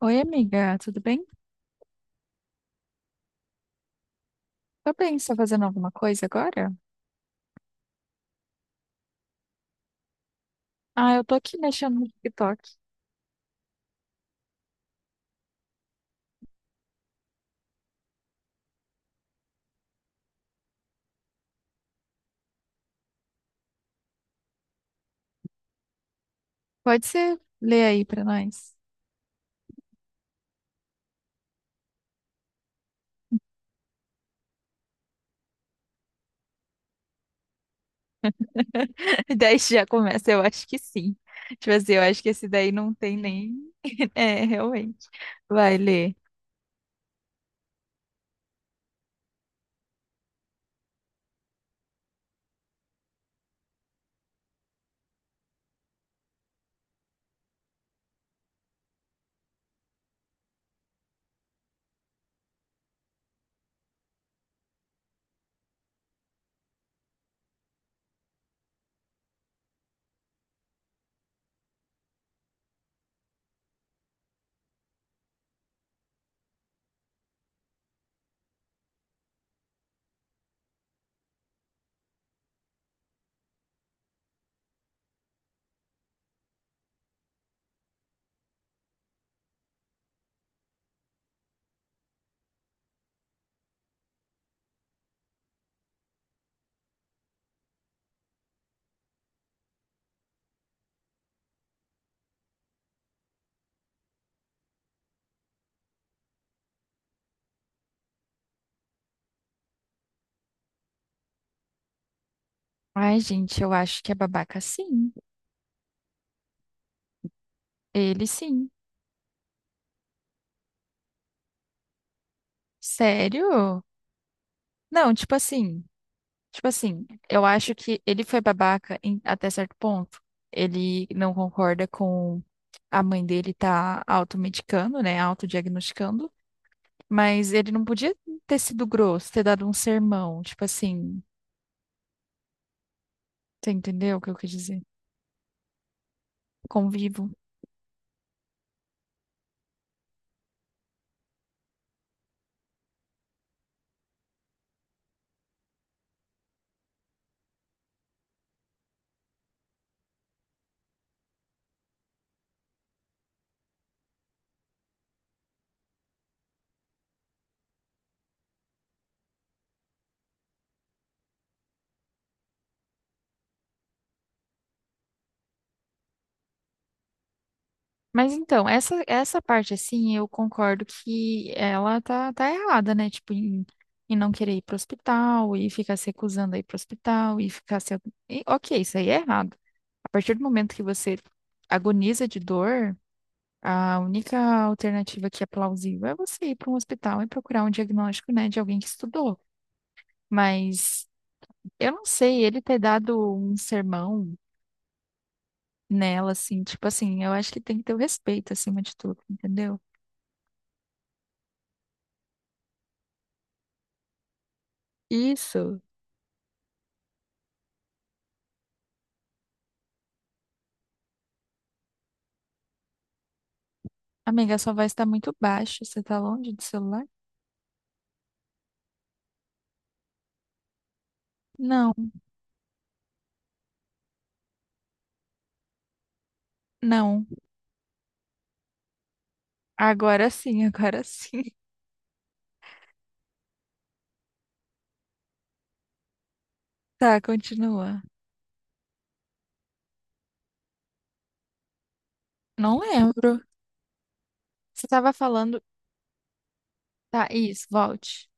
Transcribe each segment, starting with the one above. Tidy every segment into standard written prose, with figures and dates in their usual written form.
Oi, amiga, tudo bem? Tá bem, você tá fazendo alguma coisa agora? Ah, eu tô aqui mexendo no TikTok. Pode ser ler aí pra nós? Daí já começa, eu acho que sim. Tipo assim, eu acho que esse daí não tem nem. É, realmente. Vai ler. Ai, gente, eu acho que é babaca sim. Ele sim. Sério? Não, tipo assim. Tipo assim, eu acho que ele foi babaca até certo ponto. Ele não concorda com a mãe dele tá automedicando, né? Autodiagnosticando. Mas ele não podia ter sido grosso, ter dado um sermão. Tipo assim, você entendeu o que eu quis dizer? Convivo. Mas então, essa parte, assim, eu concordo que ela tá errada, né? Tipo, em, em não querer ir pro hospital e ficar se recusando a ir pro hospital e ficar se. E, ok, isso aí é errado. A partir do momento que você agoniza de dor, a única alternativa que é plausível é você ir para um hospital e procurar um diagnóstico, né, de alguém que estudou. Mas eu não sei, ele ter dado um sermão nela, assim, tipo assim, eu acho que tem que ter o respeito acima de tudo, entendeu? Isso. Amiga, sua voz tá muito baixa. Você tá longe do celular? Não, não. Agora sim, agora sim. Tá, continua. Não lembro. Você tava falando. Tá, isso, volte.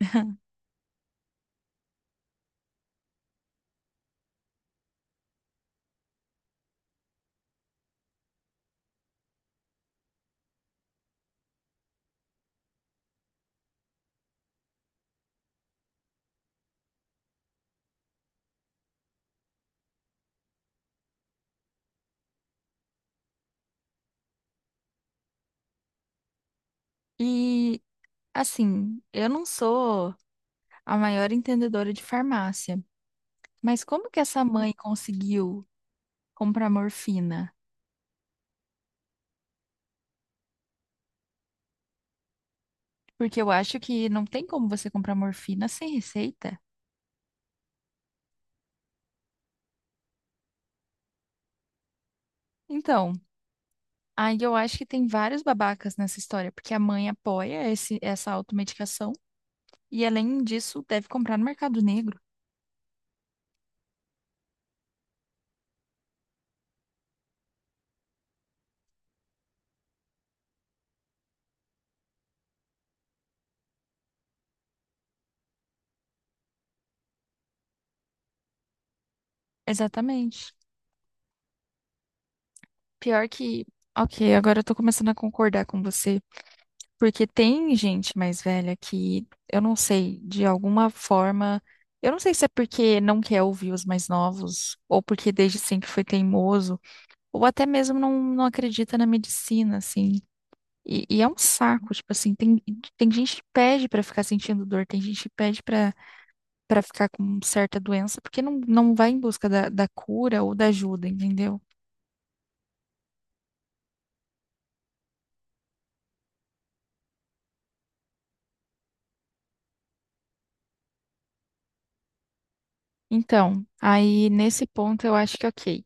E, assim, eu não sou a maior entendedora de farmácia, mas como que essa mãe conseguiu comprar morfina? Porque eu acho que não tem como você comprar morfina sem receita. Então. Aí eu acho que tem vários babacas nessa história, porque a mãe apoia essa automedicação e, além disso, deve comprar no mercado negro. Exatamente. Pior que. Ok, agora eu tô começando a concordar com você, porque tem gente mais velha que, eu não sei, de alguma forma. Eu não sei se é porque não quer ouvir os mais novos, ou porque desde sempre foi teimoso, ou até mesmo não acredita na medicina, assim. E é um saco, tipo assim, tem, tem gente que pede pra ficar sentindo dor, tem gente que pede pra para ficar com certa doença, porque não vai em busca da, da cura ou da ajuda, entendeu? Então, aí nesse ponto eu acho que ok.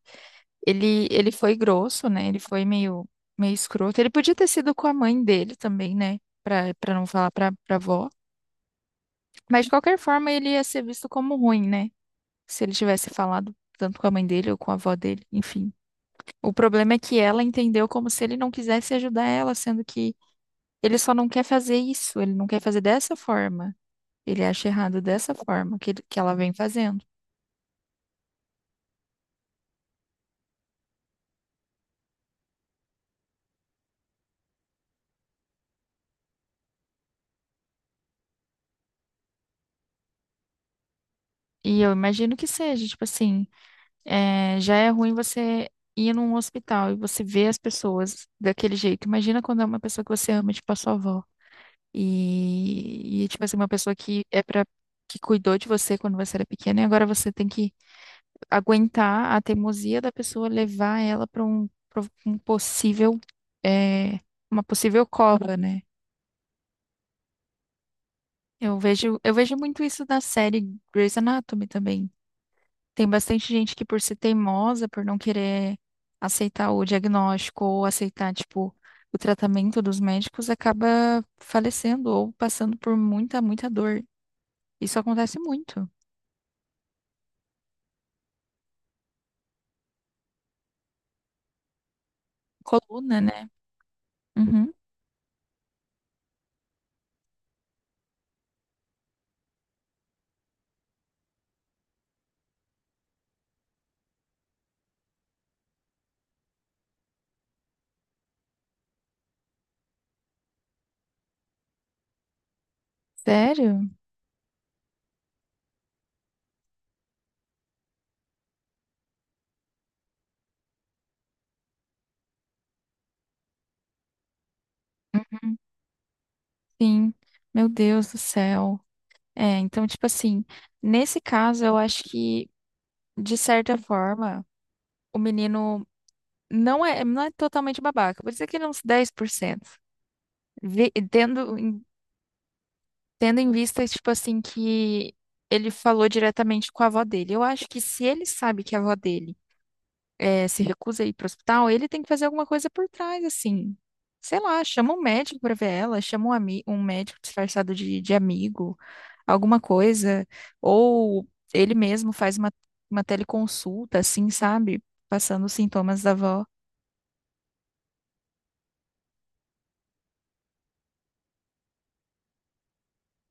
Ele foi grosso, né? Ele foi meio, meio escroto. Ele podia ter sido com a mãe dele também, né? Pra, pra não falar pra, pra avó. Mas de qualquer forma ele ia ser visto como ruim, né? Se ele tivesse falado tanto com a mãe dele ou com a avó dele, enfim. O problema é que ela entendeu como se ele não quisesse ajudar ela, sendo que ele só não quer fazer isso, ele não quer fazer dessa forma. Ele acha errado dessa forma que ela vem fazendo. E eu imagino que seja, tipo assim, é, já é ruim você ir num hospital e você ver as pessoas daquele jeito. Imagina quando é uma pessoa que você ama, tipo a sua avó. E tipo assim, uma pessoa que é pra, que cuidou de você quando você era pequena e agora você tem que aguentar a teimosia da pessoa levar ela para pra um possível, é, uma possível cova, né? Eu vejo muito isso na série Grey's Anatomy também. Tem bastante gente que, por ser teimosa, por não querer aceitar o diagnóstico ou aceitar, tipo, o tratamento dos médicos, acaba falecendo ou passando por muita, muita dor. Isso acontece muito. Coluna, né? Uhum. Sério? Sim. Meu Deus do céu. É, então, tipo assim, nesse caso, eu acho que, de certa forma, o menino não é, não é totalmente babaca. Vou dizer que ele é uns 10%. Vi, tendo, em- tendo em vista, tipo assim, que ele falou diretamente com a avó dele. Eu acho que se ele sabe que a avó dele é, se recusa a ir pro hospital, ele tem que fazer alguma coisa por trás, assim. Sei lá, chama um médico pra ver ela, chama um, ami um médico disfarçado de amigo. Alguma coisa, ou ele mesmo faz uma teleconsulta, assim, sabe? Passando os sintomas da avó.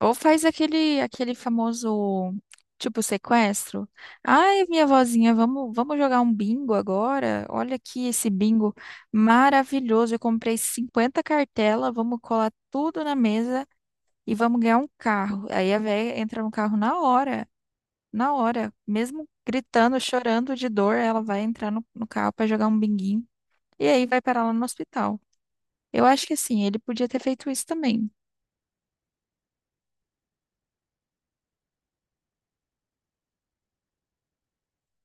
Ou faz aquele, aquele famoso, tipo, sequestro. Ai, minha vozinha, vamos, vamos jogar um bingo agora? Olha aqui esse bingo maravilhoso. Eu comprei 50 cartelas, vamos colar tudo na mesa e vamos ganhar um carro. Aí a véia entra no carro na hora, mesmo gritando, chorando de dor, ela vai entrar no carro para jogar um binguinho. E aí vai parar lá no hospital. Eu acho que assim, ele podia ter feito isso também.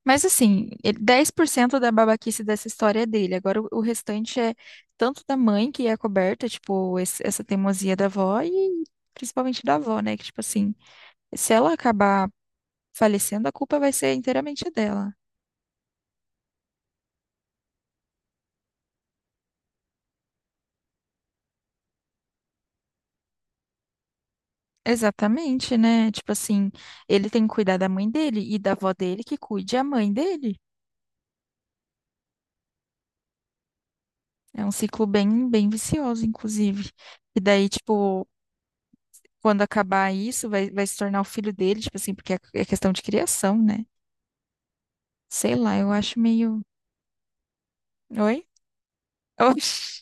Mas assim, 10% da babaquice dessa história é dele. Agora o restante é tanto da mãe que é coberta, tipo, essa teimosia da avó e principalmente da avó, né? Que tipo assim, se ela acabar falecendo, a culpa vai ser inteiramente dela. Exatamente, né? Tipo assim, ele tem que cuidar da mãe dele e da avó dele que cuide a mãe dele. É um ciclo bem, bem vicioso, inclusive. E daí, tipo, quando acabar isso, vai, vai se tornar o filho dele, tipo assim, porque é é questão de criação, né? Sei lá, eu acho meio. Oi? Oxi.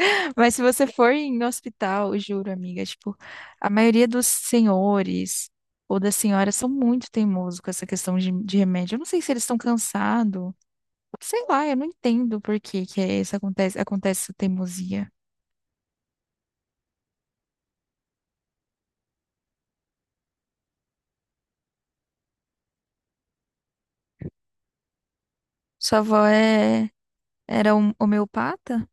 Mas se você for em hospital, eu juro, amiga, tipo, a maioria dos senhores ou das senhoras são muito teimosos com essa questão de remédio. Eu não sei se eles estão cansados. Sei lá, eu não entendo por que que é isso acontece, acontece essa teimosia. Sua avó é, era um homeopata?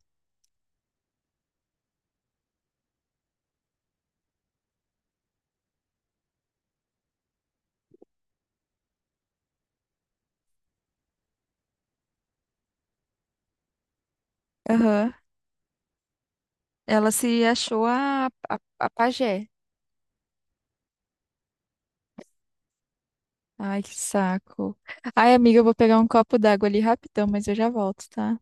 Aham. Ela se achou a pajé. Ai, que saco. Ai, amiga, eu vou pegar um copo d'água ali rapidão, mas eu já volto, tá?